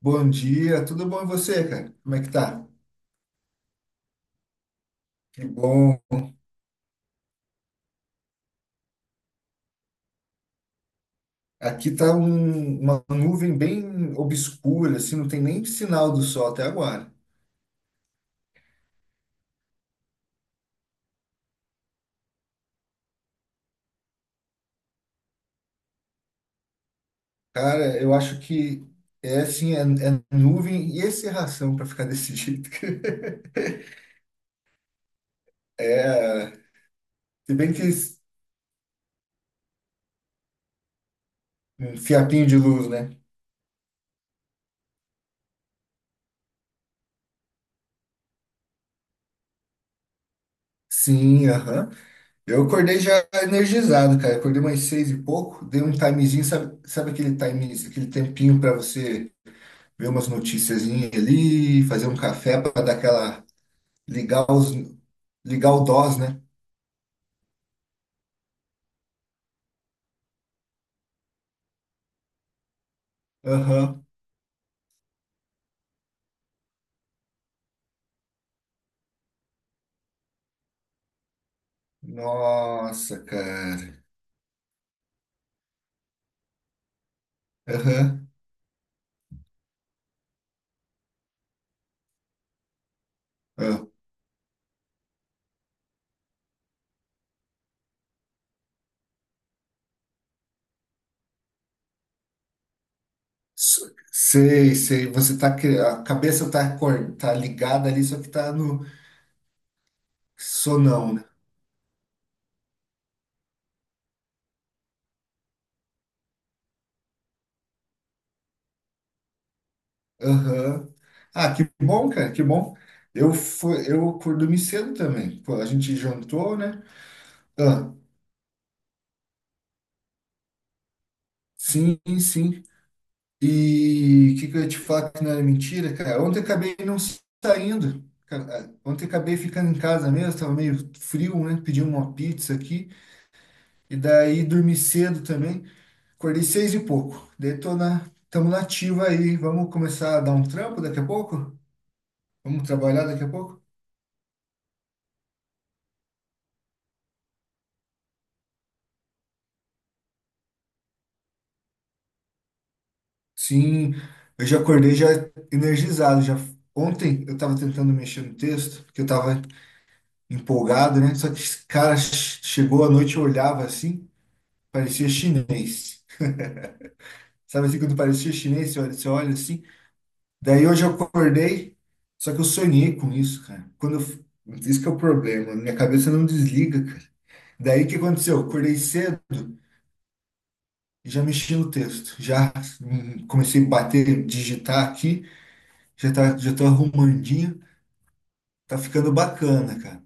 Bom dia, tudo bom e você, cara? Como é que tá? Que bom. Aqui tá uma nuvem bem obscura, assim, não tem nem sinal do sol até agora. Cara, eu acho que é assim, é nuvem e encerração para ficar desse jeito. É, se bem que um fiapinho de luz, né? Sim, aham. Eu acordei já energizado, cara. Acordei umas seis e pouco, dei um timezinho, sabe aquele time, aquele tempinho para você ver umas noticiazinhas ali, fazer um café para dar aquela ligar os ligar o DOS, né? Aham. Nossa, cara. Aham. Ah, sei, sei. Você tá a cabeça tá tá ligada ali, só que tá no sonão, né? Aham. Ah, que bom, cara, que bom. Eu fui, eu dormi cedo também. Pô, a gente jantou, né? Ah, sim, sim. E o que, que eu ia te falar que não era mentira, cara? Ontem eu acabei não saindo. Cara, ontem eu acabei ficando em casa mesmo, tava meio frio, né? Pedi uma pizza aqui. E daí dormi cedo também. Acordei seis e pouco. Daí tô na, tamo na ativa aí. Vamos começar a dar um trampo daqui a pouco? Vamos trabalhar daqui a pouco? Sim, eu já acordei já energizado. Já ontem eu estava tentando mexer no texto, porque eu estava empolgado, né? Só que, cara, chegou a noite, eu olhava assim. Parecia chinês. Sabe assim, quando parecia chinês, você olha assim. Daí hoje eu acordei, só que eu sonhei com isso, cara. Isso que é o problema, minha cabeça não desliga, cara. Daí o que aconteceu? Eu acordei cedo e já mexi no texto. Já comecei a bater, digitar aqui, já tô arrumandinho. Tá ficando bacana, cara.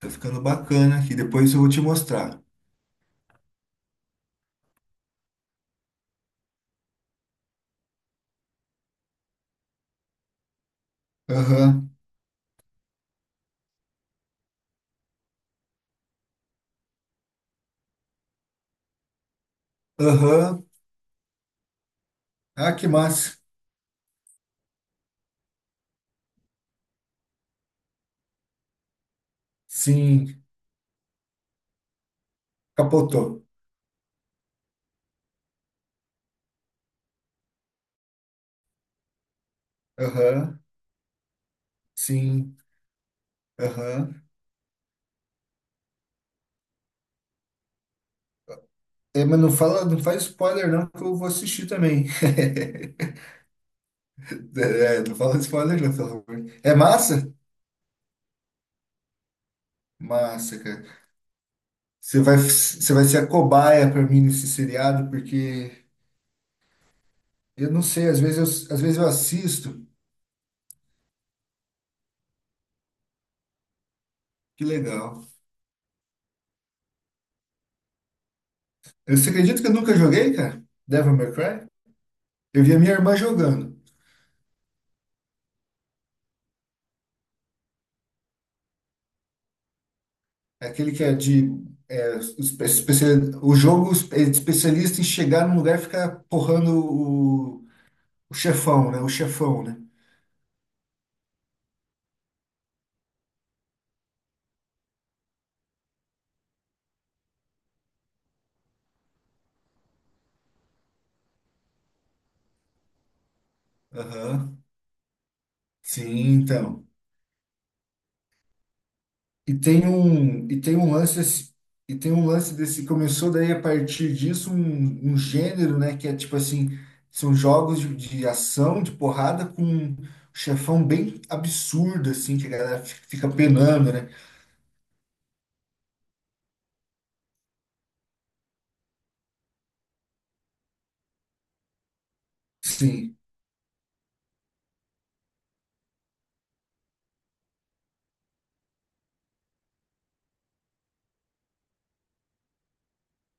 Tá ficando bacana aqui. Depois eu vou te mostrar. Aham, aham. Ah, que massa. Sim, capotou. Aham, sim. Aham. É, mas não fala, não faz spoiler não, que eu vou assistir também. É, não fala spoiler não, pelo amor. É massa? Massa, cara. Você vai ser a cobaia pra mim nesse seriado, porque eu não sei, às vezes eu assisto. Que legal. Você acredita que eu nunca joguei, cara? Devil May Cry? Eu vi a minha irmã jogando. É aquele que é de, é, o jogo é especialista em chegar num lugar e ficar porrando o chefão, né? O chefão, né? Aham. Sim, então. E tem um lance, e tem um lance desse, começou daí a partir disso um gênero, né, que é tipo assim, são jogos de ação, de porrada com um chefão bem absurdo assim, que a galera fica penando, né? Sim,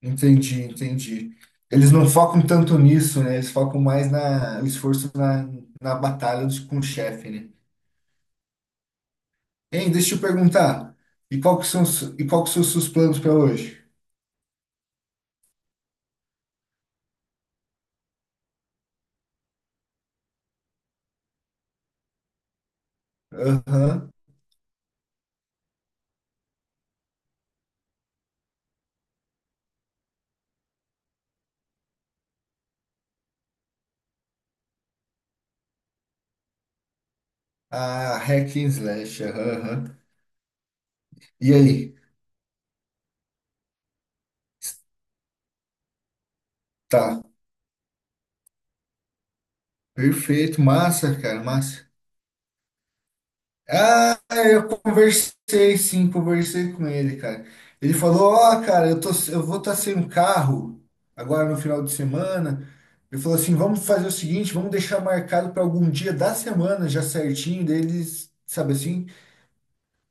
entendi, entendi. Eles não focam tanto nisso, né? Eles focam mais na, o esforço na batalha com o chefe, né? Hein, deixa eu perguntar. E qual que são os seus planos para hoje? Aham. A hack and slash. Aham, aham. E aí? Tá. Perfeito. Massa, cara. Massa. Ah, eu conversei, sim. Conversei com ele, cara. Ele falou, ó, cara, eu vou estar sem um carro agora no final de semana. Ele falou assim, vamos fazer o seguinte, vamos deixar marcado para algum dia da semana já certinho deles, sabe assim?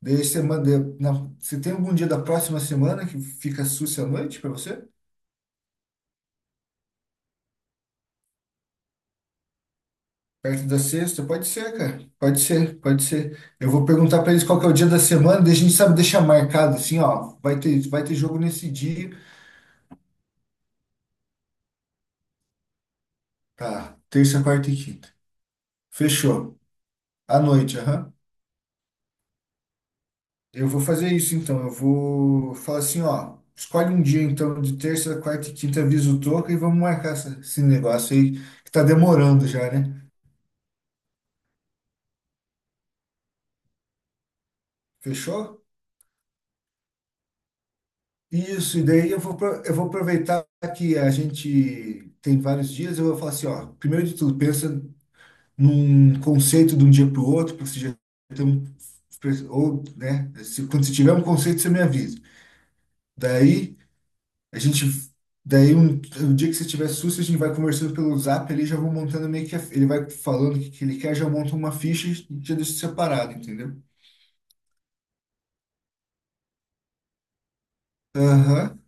Daí semana, de- na, você tem algum dia da próxima semana que fica sussa à noite para você? Perto da sexta? Pode ser, cara. Pode ser, pode ser. Eu vou perguntar pra eles qual que é o dia da semana, daí a gente sabe deixar marcado assim, ó. Vai ter jogo nesse dia. Tá, terça, quarta e quinta. Fechou. À noite, aham. Eu vou fazer isso então. Eu vou falar assim, ó. Escolhe um dia então de terça, quarta e quinta, avisa o Toca e vamos marcar esse negócio aí que tá demorando já, né? Fechou? Isso, e daí eu vou aproveitar que a gente tem vários dias, eu vou falar assim, ó, primeiro de tudo, pensa num conceito de um dia para o outro, porque você já tem um, ou, né, se, quando você tiver um conceito, você me avisa. Daí, a gente, daí um dia que você tiver susto, a gente vai conversando pelo Zap, ele já vou montando meio que, ele vai falando o que, que ele quer, já monta uma ficha e já deixa separado, entendeu? Aham,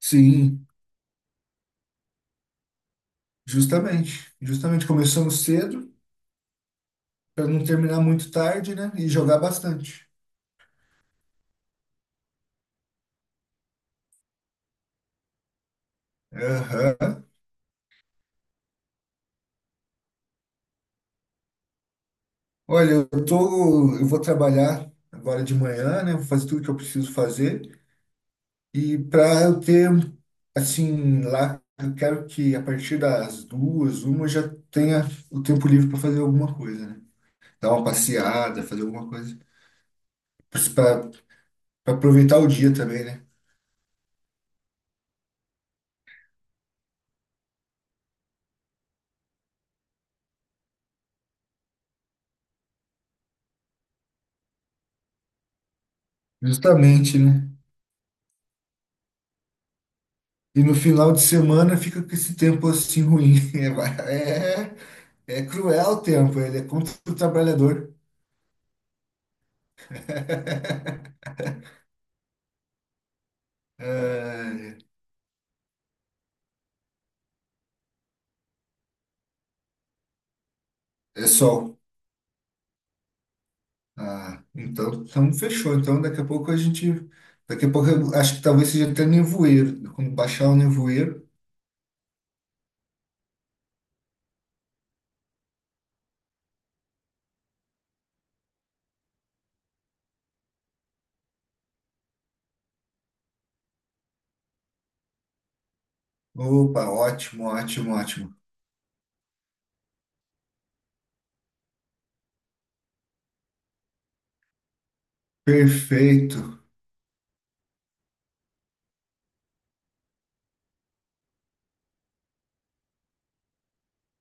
sim, justamente. Justamente começamos cedo, para não terminar muito tarde, né, e jogar bastante. Aham. Olha, eu vou trabalhar agora de manhã, né? Vou fazer tudo que eu preciso fazer. E para eu ter, assim, lá, eu quero que a partir das duas, uma, eu já tenha o tempo livre para fazer alguma coisa, né? Dar uma passeada, fazer alguma coisa. Para aproveitar o dia também, né? Justamente, né? E no final de semana fica com esse tempo assim ruim. É, é cruel o tempo, ele é contra o trabalhador. É, É sol. Ah, então fechou. Então daqui a pouco a gente. Daqui a pouco eu acho que talvez seja até nevoeiro. Quando baixar o nevoeiro. Opa, ótimo, ótimo, ótimo. Perfeito.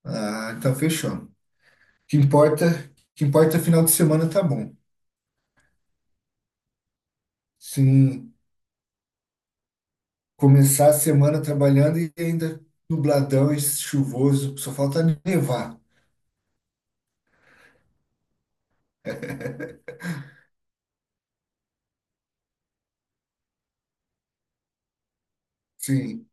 Ah, então fechou. O que importa é final de semana tá bom. Sim, começar a semana trabalhando e ainda nubladão e chuvoso, só falta nevar. Sim.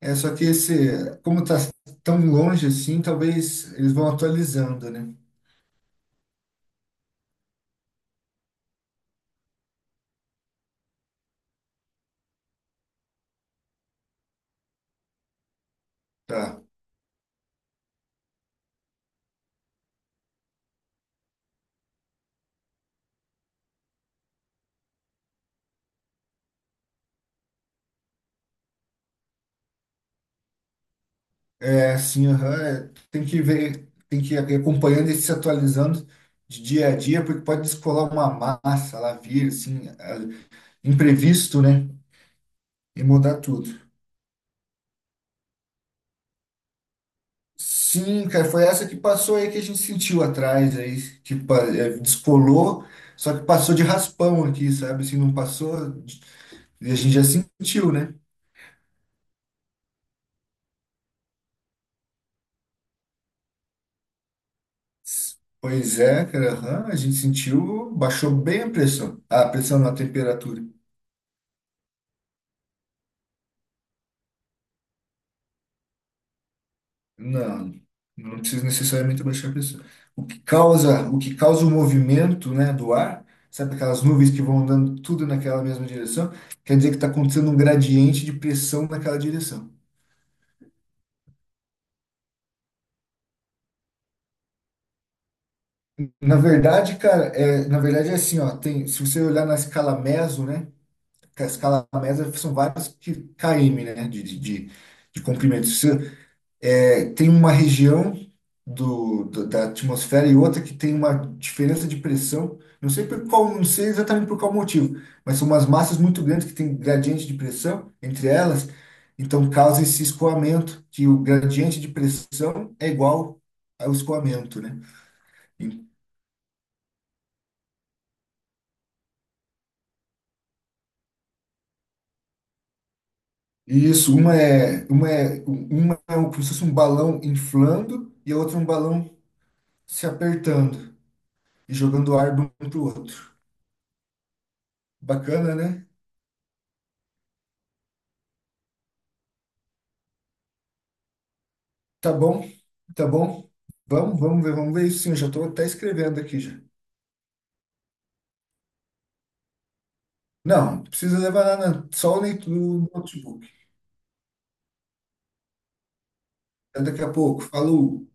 É só que esse, como tá tão longe assim, talvez eles vão atualizando, né? Tá. É, assim, aham, é, tem que ver, tem que ir acompanhando e se atualizando de dia a dia, porque pode descolar uma massa lá vir, assim, imprevisto, né? E mudar tudo. Sim, cara, foi essa que passou aí que a gente sentiu atrás, aí, que é, descolou, só que passou de raspão aqui, sabe? Assim, não passou, e a gente já sentiu, né? Pois é, cara, aham, a gente sentiu, baixou bem a pressão na temperatura. Não, não precisa necessariamente abaixar a pressão. O que causa, o que causa o movimento, né, do ar, sabe aquelas nuvens que vão andando tudo naquela mesma direção? Quer dizer que está acontecendo um gradiente de pressão naquela direção. Na verdade, cara, é, na verdade é assim, ó, tem, se você olhar na escala meso, né, que a escala meso são várias que km, né, de comprimento. Se você é, tem uma região da atmosfera e outra que tem uma diferença de pressão. Não sei exatamente por qual motivo, mas são umas massas muito grandes que têm gradiente de pressão entre elas, então causa esse escoamento, que o gradiente de pressão é igual ao escoamento, né? E isso, uma é um, como se fosse um balão inflando e a outra um balão se apertando e jogando ar de um para o outro. Bacana, né? Tá bom, tá bom. Vamos ver isso sim. Eu já tô até escrevendo aqui já. Não, não precisa levar nada, não. Só o leitura do notebook. Até daqui a pouco. Falou.